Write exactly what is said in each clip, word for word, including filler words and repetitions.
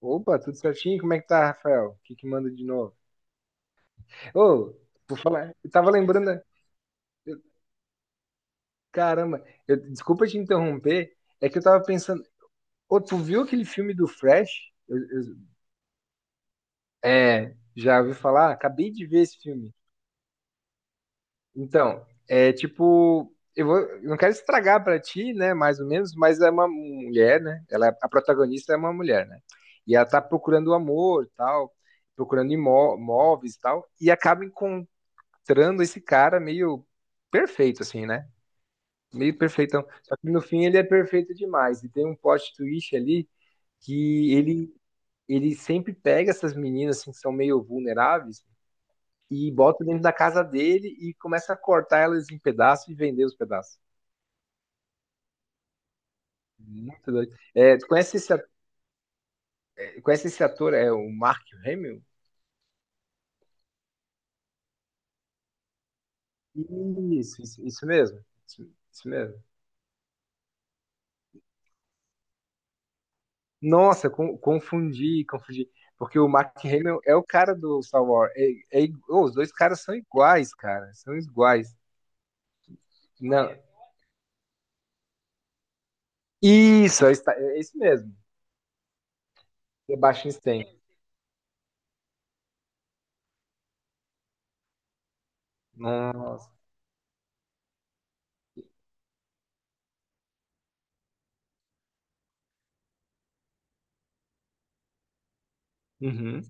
Opa, tudo certinho? Como é que tá, Rafael? O que que manda de novo? Ô, por falar, eu tava lembrando, né? Caramba, eu- desculpa te interromper, é que eu tava pensando, ô, tu viu aquele filme do Fresh? Eu- eu- É, já ouviu falar? Acabei de ver esse filme. Então, é tipo, eu vou, eu não quero estragar pra ti, né, mais ou menos, mas é uma mulher, né? Ela, é, a protagonista é uma mulher, né? E ela tá procurando o amor, tal, procurando imó- imóveis, tal, e acaba mostrando esse cara meio perfeito, assim, né? Meio perfeitão. Só que no fim ele é perfeito demais. E tem um plot twist ali que ele, ele sempre pega essas meninas assim, que são meio vulneráveis e bota dentro da casa dele e começa a cortar elas em pedaços e vender os pedaços. Muito doido. É, tu conhece esse, at- conhece esse ator? É o Mark Hamill? Isso, isso, isso mesmo. Isso, isso mesmo. Nossa, con- confundi, confundi. Porque o Mark Hamill é o cara do Star Wars. É, é i- ô, os dois caras são iguais, cara. São iguais. Não. Isso, é, esta- é isso mesmo. Sebastian Stan. Nossa. Uhum.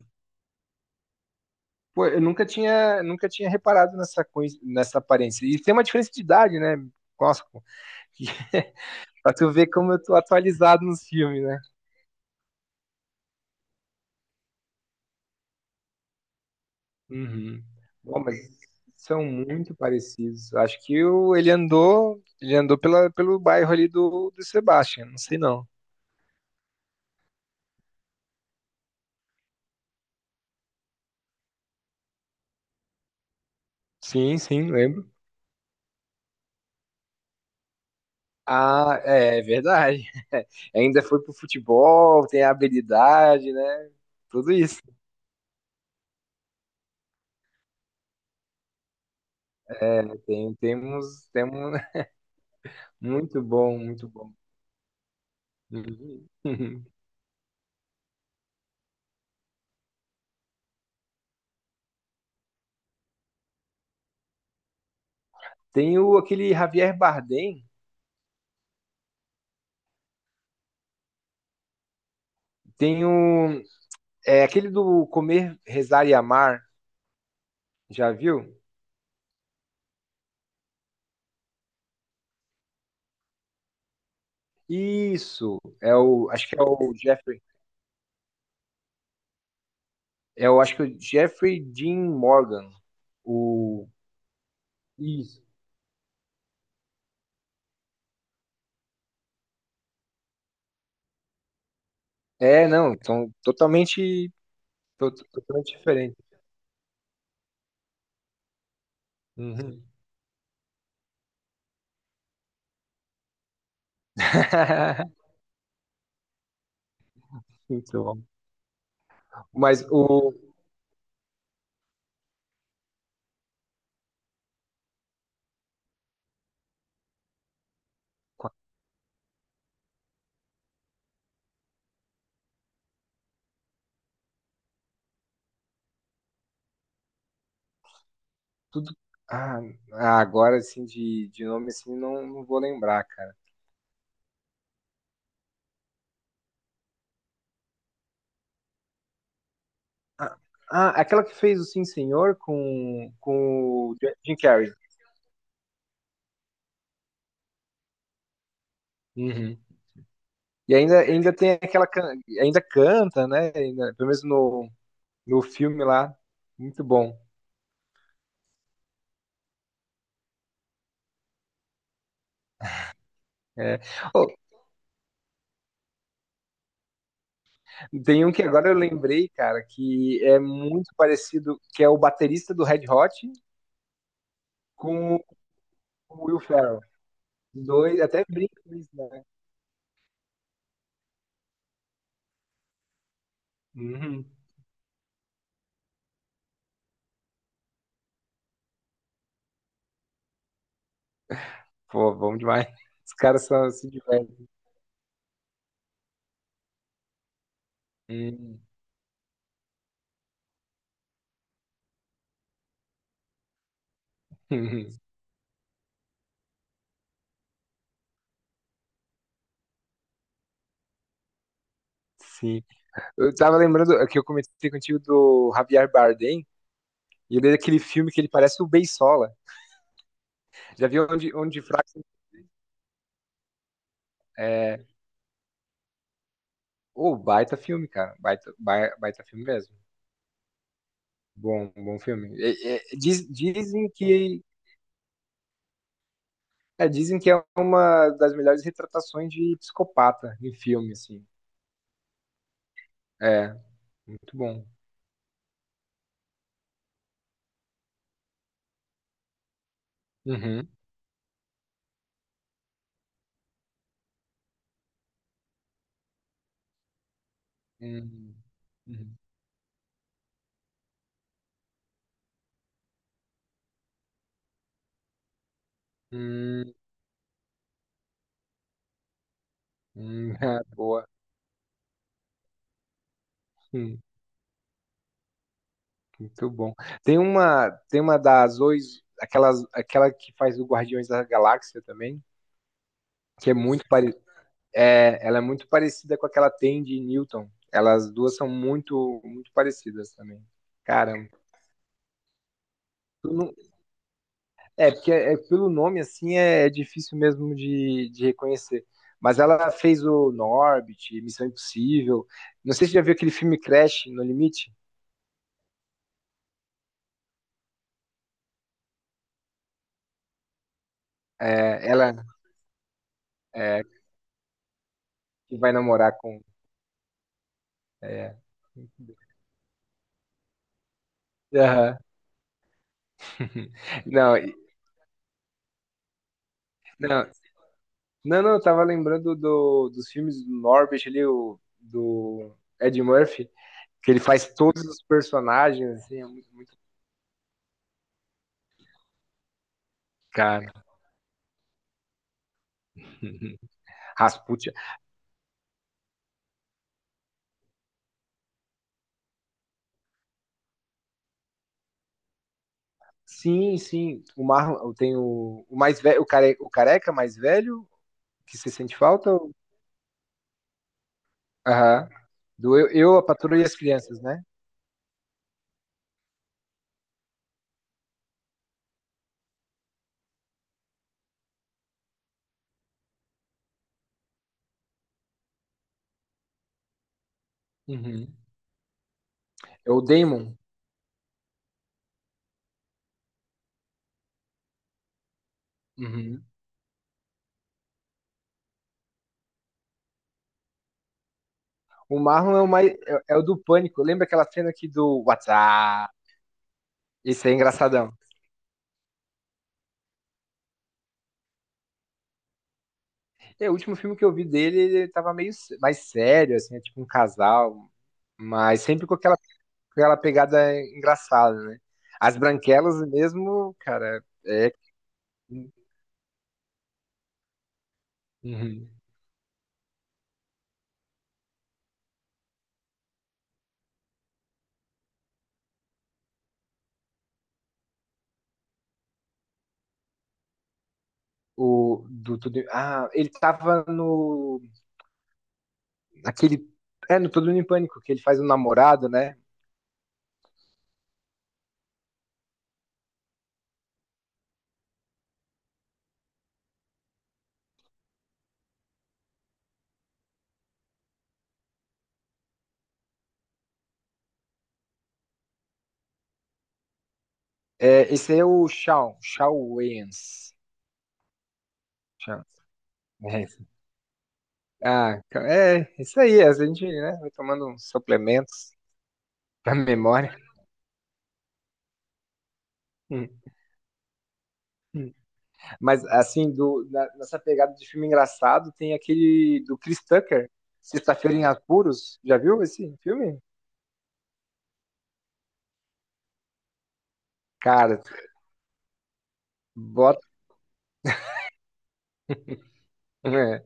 Pô, eu nunca tinha, nunca tinha reparado nessa coisa, nessa aparência. E tem uma diferença de idade, né? Nossa, pô. Pra tu ver como eu tô atualizado nos filmes, né? Uhum. Bom, mas são muito parecidos. Acho que o, ele andou, ele andou pela, pelo bairro ali do, do Sebastian, não sei não. Sim, sim, lembro. Ah, é, é verdade. Ainda foi pro futebol, tem a habilidade, né? Tudo isso. É, tem, temos, temos muito bom, muito bom. Uhum. Tem o aquele Javier Bardem, tem o é aquele do Comer, Rezar e Amar, já viu? Isso, é o, acho que é o Jeffrey, é o, acho que é o Jeffrey Dean Morgan, o, isso. É, não, então, totalmente, to- totalmente diferente. Uhum. Muito bom. Mas o, tudo, ah, ah, agora, assim, de, de nome, assim, não, não vou lembrar, cara. Ah, ah, aquela que fez o Sim Senhor com, com o Ja-, Jim Carrey. Uhum. E ainda, ainda tem aquela. can- Ainda canta, né? Ainda, pelo menos no, no filme lá, muito bom. É. Oh, tem um que agora eu lembrei, cara, que é muito parecido, que é o baterista do Red Hot com o Will Ferrell. Os dois, até brinco com isso, né? Uhum. Pô, bom demais. Os caras são assim de velho. Uhum. Sim. Eu tava lembrando é que eu comentei contigo do Javier Bardem, e ele é aquele filme que ele parece o Beisola. Já viu onde, onde fraco. É. Ô, baita filme, cara. Baita, bai- baita filme mesmo. Bom, bom filme. É, é, diz- dizem que é, dizem que é uma das melhores retratações de psicopata em filme, assim. É, muito bom. Uhum. Hum, uhum. Hum, hum, ah, boa. Hum, muito bom. Tem uma, tem uma da Zoe, aquelas, aquela que faz o Guardiões da Galáxia também, que é muito pare, é, ela é muito parecida com aquela Tandy Newton. Elas duas são muito, muito parecidas também. Caramba. É, porque é, é, pelo nome, assim, é, é difícil mesmo de, de reconhecer. Mas ela fez o Norbit, Missão Impossível. Não sei se você já viu aquele filme Crash, No Limite. É, ela é, que vai namorar com. é, Aham. Não, e- não, não, não, eu tava lembrando do, dos filmes do Norbit ali, o, do Ed Murphy, que ele faz todos os personagens, assim, é muito, muito cara. Rasputin. Sim, sim. O Marlon tem o, o mais velho, o, care, o careca mais velho, que você sente falta? ou- Aham. Do eu, eu, a Patroa e as Crianças, né? Uhum. É o Damon. Uhum. O Marlon é o mais, é, é o do Pânico. Lembra aquela cena aqui do WhatsApp? Esse é engraçadão. É, o último filme que eu vi dele, ele tava meio sé- mais sério, assim, é tipo um casal, mas sempre com aquela, com aquela pegada engraçada, né? As branquelas mesmo, cara, é. Uhum. o do Tudo em- Ah, ele tava no aquele é no Tudo em Pânico que ele faz o namorado, né? É, esse aí é o Shawn, Shawn Wayans. Shawn- É. Esse. Ah, ca- é, isso aí, a gente, né, vai tomando uns suplementos pra memória. Hum, hum. Mas assim, do na- nessa pegada de filme engraçado, tem aquele do Chris Tucker, Sexta-feira em Apuros. Já viu esse filme? Cara, bota, é,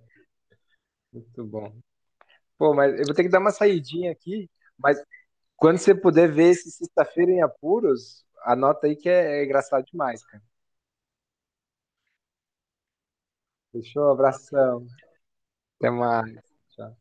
muito bom. Pô, mas eu vou ter que dar uma saidinha aqui. Mas quando você puder ver esse Sexta-feira em Apuros, anota aí que é, é engraçado demais, cara. Fechou? Abração. Até mais. Tchau.